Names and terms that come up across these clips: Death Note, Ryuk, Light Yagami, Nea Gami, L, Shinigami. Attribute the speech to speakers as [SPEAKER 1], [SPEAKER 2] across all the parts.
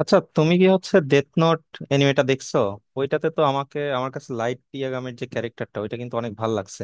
[SPEAKER 1] আচ্ছা, তুমি কি ডেথ নোট এনিমেটা দেখছো? ওইটাতে তো আমাকে আমার কাছে লাইট ইয়াগামের যে ক্যারেক্টারটা, ওইটা কিন্তু অনেক ভালো লাগছে।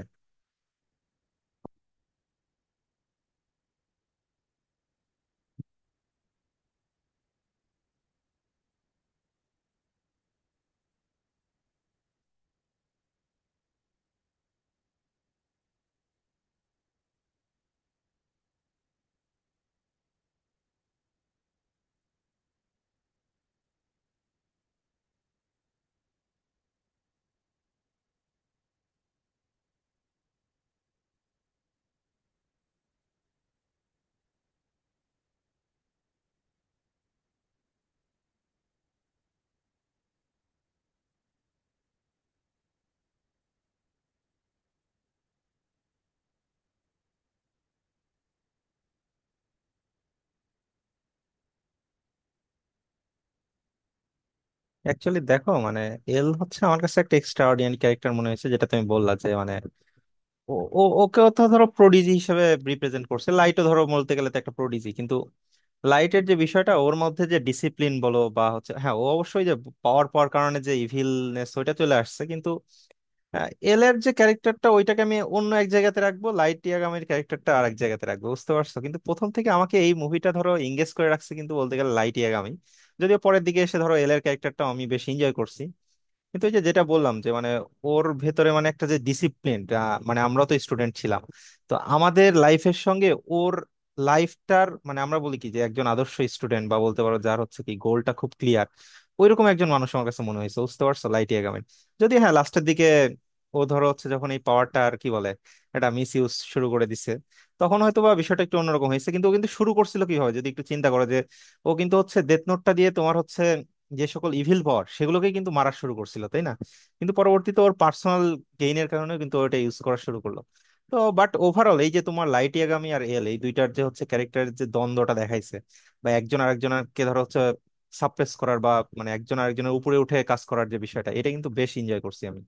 [SPEAKER 1] অ্যাকচুয়ালি দেখো, এল হচ্ছে আমার কাছে একটা এক্সট্রা অর্ডিনারি ক্যারেক্টার মনে হয়েছে। যেটা তুমি বললা যে মানে, ও ওকেও তো ধরো প্রোডিজি হিসেবে রিপ্রেজেন্ট করছে, লাইটও ধরো বলতে গেলে তো একটা প্রোডিজি। কিন্তু লাইটের যে বিষয়টা, ওর মধ্যে যে ডিসিপ্লিন বলো বা হ্যাঁ, ও অবশ্যই যে পাওয়ার পাওয়ার কারণে যে ইভিলনেস ওইটা চলে আসছে কিন্তু। হ্যাঁ, এল এর যে ক্যারেক্টারটা ওইটাকে আমি অন্য এক জায়গাতে রাখবো, লাইট ইয়াগামের ক্যারেক্টারটা আর এক জায়গাতে রাখবো, বুঝতে পারছো? কিন্তু প্রথম থেকে আমাকে এই মুভিটা ধরো এঙ্গেজ করে রাখছে কিন্তু বলতে গেলে লাইট ইয়াগামি। যদিও পরের দিকে এসে ধরো এল এর ক্যারেক্টারটা আমি বেশি এনজয় করছি, কিন্তু এই যে যেটা বললাম যে মানে ওর ভেতরে মানে একটা যে ডিসিপ্লিন। মানে আমরা তো স্টুডেন্ট ছিলাম, তো আমাদের লাইফের সঙ্গে ওর লাইফটার, মানে আমরা বলি কি যে একজন আদর্শ স্টুডেন্ট বা বলতে পারো যার কি গোলটা খুব ক্লিয়ার, ওইরকম একজন মানুষ আমার কাছে মনে হয়েছে, বুঝতে পারছো, লাইটি এগামেন। যদি হ্যাঁ, লাস্টের দিকে ও ধরো যখন এই পাওয়ারটা, আর কি বলে, এটা মিস ইউজ শুরু করে দিছে, তখন হয়তো বা বিষয়টা একটু অন্যরকম হয়েছে। কিন্তু ও কিন্তু শুরু করছিল কিভাবে, যদি একটু চিন্তা করো যে ও কিন্তু ডেথ নোটটা দিয়ে তোমার যে সকল ইভিল পাওয়ার সেগুলোকে কিন্তু মারা শুরু করছিল তাই না? কিন্তু পরবর্তীতে ওর পার্সোনাল গেইনের কারণে কিন্তু ওটা ইউজ করা শুরু করলো। তো বাট, ওভারঅল এই যে তোমার লাইট ইয়াগামি আর এল, এই দুইটার যে ক্যারেক্টারের যে দ্বন্দ্বটা দেখাইছে, বা একজন আরেকজনকে ধরো সাপ্রেস করার বা মানে একজন আরেকজনের উপরে উঠে কাজ করার যে বিষয়টা, এটা কিন্তু বেশ এনজয় করছি আমি।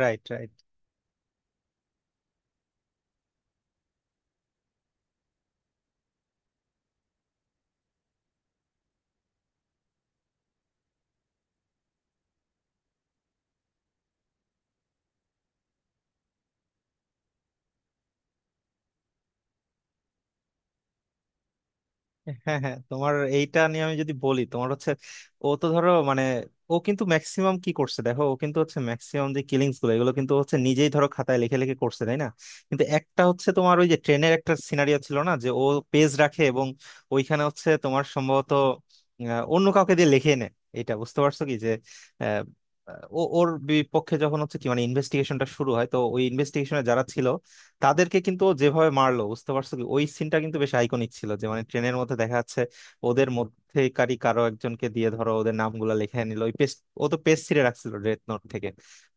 [SPEAKER 1] Right, right. হ্যাঁ, হ্যাঁ, তোমার এইটা নিয়ে আমি যদি বলি, তোমার ও তো ধরো মানে, ও কিন্তু ম্যাক্সিমাম কি করছে দেখো, ও কিন্তু হচ্ছে ম্যাক্সিমাম যে কিলিংস গুলো এগুলো কিন্তু হচ্ছে নিজেই ধরো খাতায় লিখে লিখে করছে তাই না? কিন্তু একটা হচ্ছে তোমার ওই যে ট্রেনের একটা সিনারিও ছিল না, যে ও পেজ রাখে এবং ওইখানে হচ্ছে তোমার সম্ভবত অন্য কাউকে দিয়ে লিখে নেয়, এটা বুঝতে পারছো কি? যে আহ, ও ওর বিপক্ষে যখন হচ্ছে কি মানে ইনভেস্টিগেশনটা শুরু হয়, তো ওই ইনভেস্টিগেশনে যারা ছিল তাদেরকে কিন্তু ও যেভাবে মারলো, বুঝতে পারছো কি, ওই সিনটা কিন্তু বেশ আইকনিক ছিল। যে মানে ট্রেনের মধ্যে দেখা যাচ্ছে ওদের মধ্যেকারী কারো একজনকে দিয়ে ধরো ওদের নামগুলো লিখে নিল ওই পেস্ট, ও তো পেস্ট ছিঁড়ে রাখছিল ডেথ নোট থেকে।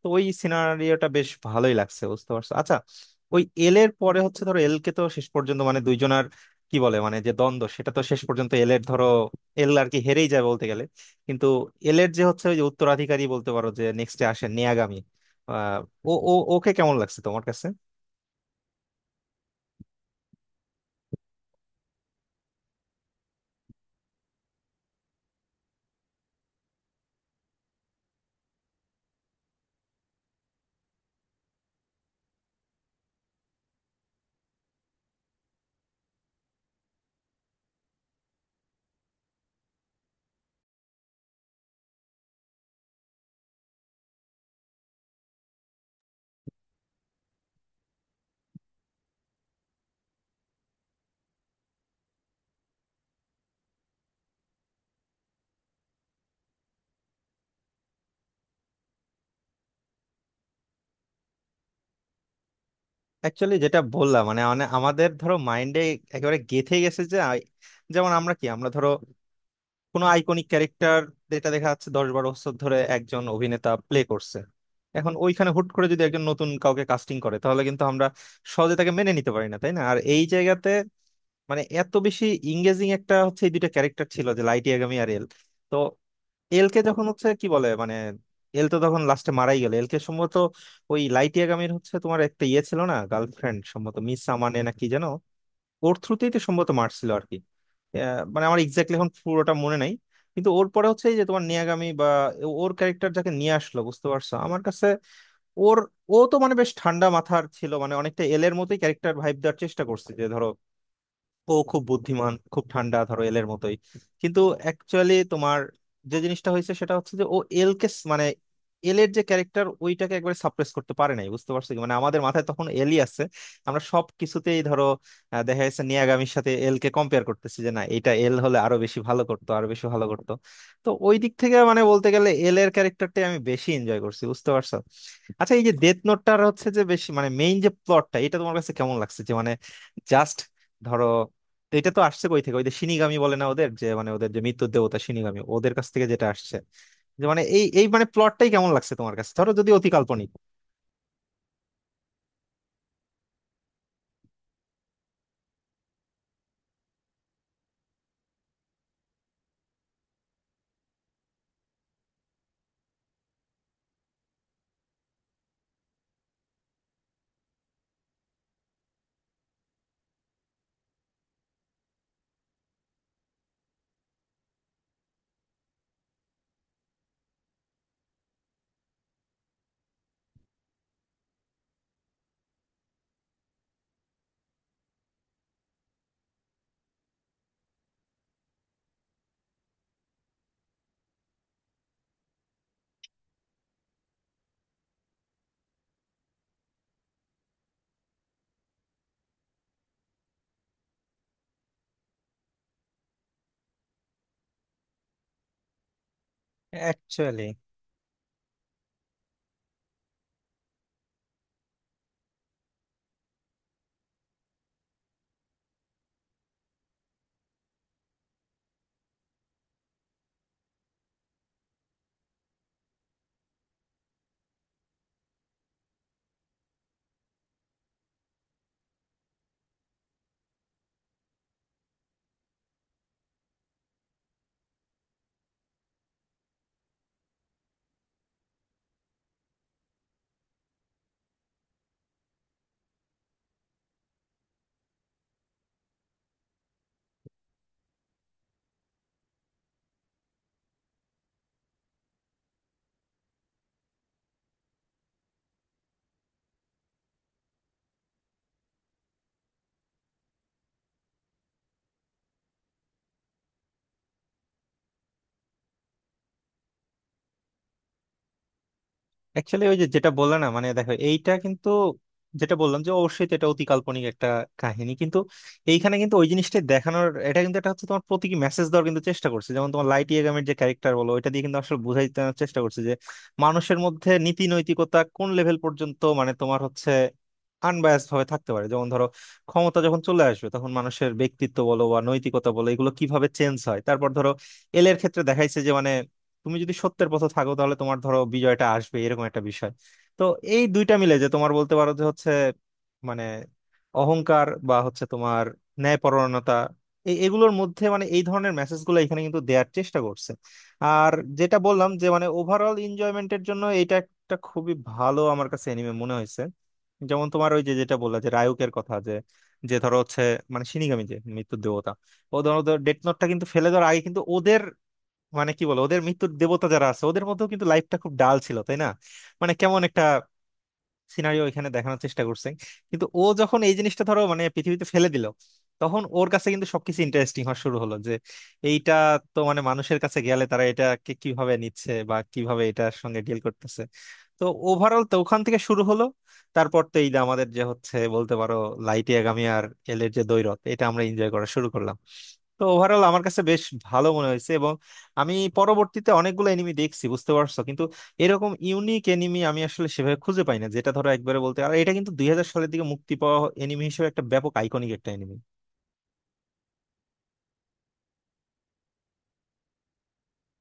[SPEAKER 1] তো ওই সিনারিওটা বেশ ভালোই লাগছে, বুঝতে পারছো। আচ্ছা, ওই এল এর পরে হচ্ছে ধরো এল কে তো শেষ পর্যন্ত মানে দুইজনার কি বলে, মানে যে দ্বন্দ্ব, সেটা তো শেষ পর্যন্ত এল এর ধরো এল আর কি হেরেই যায় বলতে গেলে, কিন্তু এল এর যে হচ্ছে ওই যে উত্তরাধিকারী বলতে পারো, যে নেক্সটে আসে নেয়াগামী, আহ, ও ও ওকে কেমন লাগছে তোমার কাছে? অ্যাকচুয়ালি যেটা বললাম মানে মানে আমাদের ধরো মাইন্ডে একেবারে গেঁথে গেছে যে যেমন আমরা কি আমরা ধরো কোনো আইকনিক ক্যারেক্টার, যেটা দেখা যাচ্ছে 10-12 বছর ধরে একজন অভিনেতা প্লে করছে, এখন ওইখানে হুট করে যদি একজন নতুন কাউকে কাস্টিং করে তাহলে কিন্তু আমরা সহজে তাকে মেনে নিতে পারি না তাই না? আর এই জায়গাতে মানে এত বেশি ইংগেজিং একটা এই দুইটা ক্যারেক্টার ছিল, যে লাইটি আগামী আর এল। তো এল কে যখন হচ্ছে কি বলে মানে এল তো তখন লাস্টে মারাই গেল, এল কে সম্ভবত ওই লাইটি আগামীর তোমার একটা ইয়ে ছিল না, গার্লফ্রেন্ড, সম্ভবত মিস আমানে না কি যেন, ওর থ্রুতেই তো সম্ভবত মারছিল আর কি। মানে আমার এক্স্যাক্টলি এখন পুরোটা মনে নাই, কিন্তু ওর পরে হচ্ছে এই যে তোমার নিয়াগামী বা ওর ক্যারেক্টার যাকে নিয়ে আসলো, বুঝতে পারছো, আমার কাছে ওর, ও তো মানে বেশ ঠান্ডা মাথার ছিল, মানে অনেকটা এলের মতোই ক্যারেক্টার ভাইব দেওয়ার চেষ্টা করছে, যে ধরো ও খুব বুদ্ধিমান, খুব ঠান্ডা, ধরো এলের মতোই। কিন্তু অ্যাকচুয়ালি তোমার যে জিনিসটা হয়েছে সেটা হচ্ছে যে ও এলকে স- মানে এলের যে ক্যারেক্টার ওইটাকে একবারে সাপ্রেস করতে পারে নাই, বুঝতে পারছো কি, মানে আমাদের মাথায় তখন এলই আছে। আমরা সব কিছুতেই ধরো দেখা যাচ্ছে নিয়াগামির সাথে এলকে কম্পেয়ার করতেছি, যে না এটা এল হলে আরো বেশি ভালো করতো। তো ওই দিক থেকে মানে বলতে গেলে এল এর ক্যারেক্টারটাই আমি বেশি এনজয় করছি, বুঝতে পারছো। আচ্ছা, এই যে ডেথ নোটটার যে বেশি মানে মেইন যে প্লটটা, এটা তোমার কাছে কেমন লাগছে? যে মানে জাস্ট ধরো, তো এটা তো আসছে কই থেকে, ওই যে শিনিগামী বলে না, ওদের যে মানে ওদের যে মৃত্যুর দেবতা শিনিগামী ওদের কাছ থেকে যেটা আসছে, যে মানে এই এই মানে প্লটটাই কেমন লাগছে তোমার কাছে? ধরো যদি অতি কাল্পনিক। অ্যাকচুয়ালি অ্যাকচুয়ালি ওই যে যেটা বললে না, মানে দেখো এইটা কিন্তু, যেটা বললাম যে অবশ্যই তো এটা অতি কাল্পনিক একটা কাহিনী। কিন্তু এইখানে কিন্তু ওই জিনিসটা দেখানোর, এটা কিন্তু এটা হচ্ছে তোমার প্রতীকী মেসেজ দেওয়ার কিন্তু চেষ্টা করছে। যেমন তোমার লাইট ইয়াগামের যে ক্যারেক্টার বলো, ওইটা দিয়ে কিন্তু আসলে বুঝাই দেওয়ার চেষ্টা করছে যে মানুষের মধ্যে নীতি নৈতিকতা কোন লেভেল পর্যন্ত, মানে তোমার আনবায়াসড ভাবে থাকতে পারে। যেমন ধরো ক্ষমতা যখন চলে আসবে তখন মানুষের ব্যক্তিত্ব বলো বা নৈতিকতা বলো এগুলো কিভাবে চেঞ্জ হয়। তারপর ধরো এলের ক্ষেত্রে দেখাইছে যে মানে তুমি যদি সত্যের পথে থাকো তাহলে তোমার ধরো বিজয়টা আসবে, এরকম একটা বিষয়। তো এই দুইটা মিলে যে তোমার বলতে পারো যে মানে অহংকার বা হচ্ছে তোমার ন্যায়পরায়ণতা, এগুলোর মধ্যে মানে এই ধরনের মেসেজ গুলো এখানে কিন্তু দেওয়ার চেষ্টা করছে। আর যেটা বললাম যে মানে ওভারঅল এনজয়মেন্টের জন্য এটা একটা খুবই ভালো আমার কাছে এনিমে মনে হয়েছে। যেমন তোমার ওই যে যেটা বললা যে রায়ুকের কথা, যে যে ধরো মানে শিনিগামী, যে মৃত্যুর দেবতা, ও ধরো ডেথ নোটটা কিন্তু ফেলে দেওয়ার আগে কিন্তু ওদের মানে কি বলো ওদের মৃত্যুর দেবতা যারা আছে ওদের মধ্যেও কিন্তু লাইফটা খুব ডাল ছিল তাই না? মানে কেমন একটা সিনারিও এখানে দেখানোর চেষ্টা করছে। কিন্তু ও যখন এই জিনিসটা ধরো মানে পৃথিবীতে ফেলে দিল, তখন ওর কাছে কিন্তু সবকিছু ইন্টারেস্টিং হওয়া শুরু হলো, যে এইটা তো মানে মানুষের কাছে গেলে তারা এটাকে কিভাবে নিচ্ছে বা কিভাবে এটার সঙ্গে ডিল করতেছে। তো ওভারঅল তো ওখান থেকে শুরু হলো। তারপর তো এই যে আমাদের যে বলতে পারো লাইটি আগামী আর এলের যে দ্বৈরথ, এটা আমরা এনজয় করা শুরু করলাম। তো ওভারঅল আমার কাছে বেশ ভালো মনে হয়েছে। এবং আমি পরবর্তীতে অনেকগুলো এনিমি দেখছি, বুঝতে পারছো, কিন্তু এরকম ইউনিক এনিমি আমি আসলে সেভাবে খুঁজে পাই না, যেটা ধরো একবারে বলতে। আর এটা কিন্তু 2000 সালের দিকে মুক্তি পাওয়া এনিমি হিসেবে একটা ব্যাপক আইকনিক একটা এনিমি।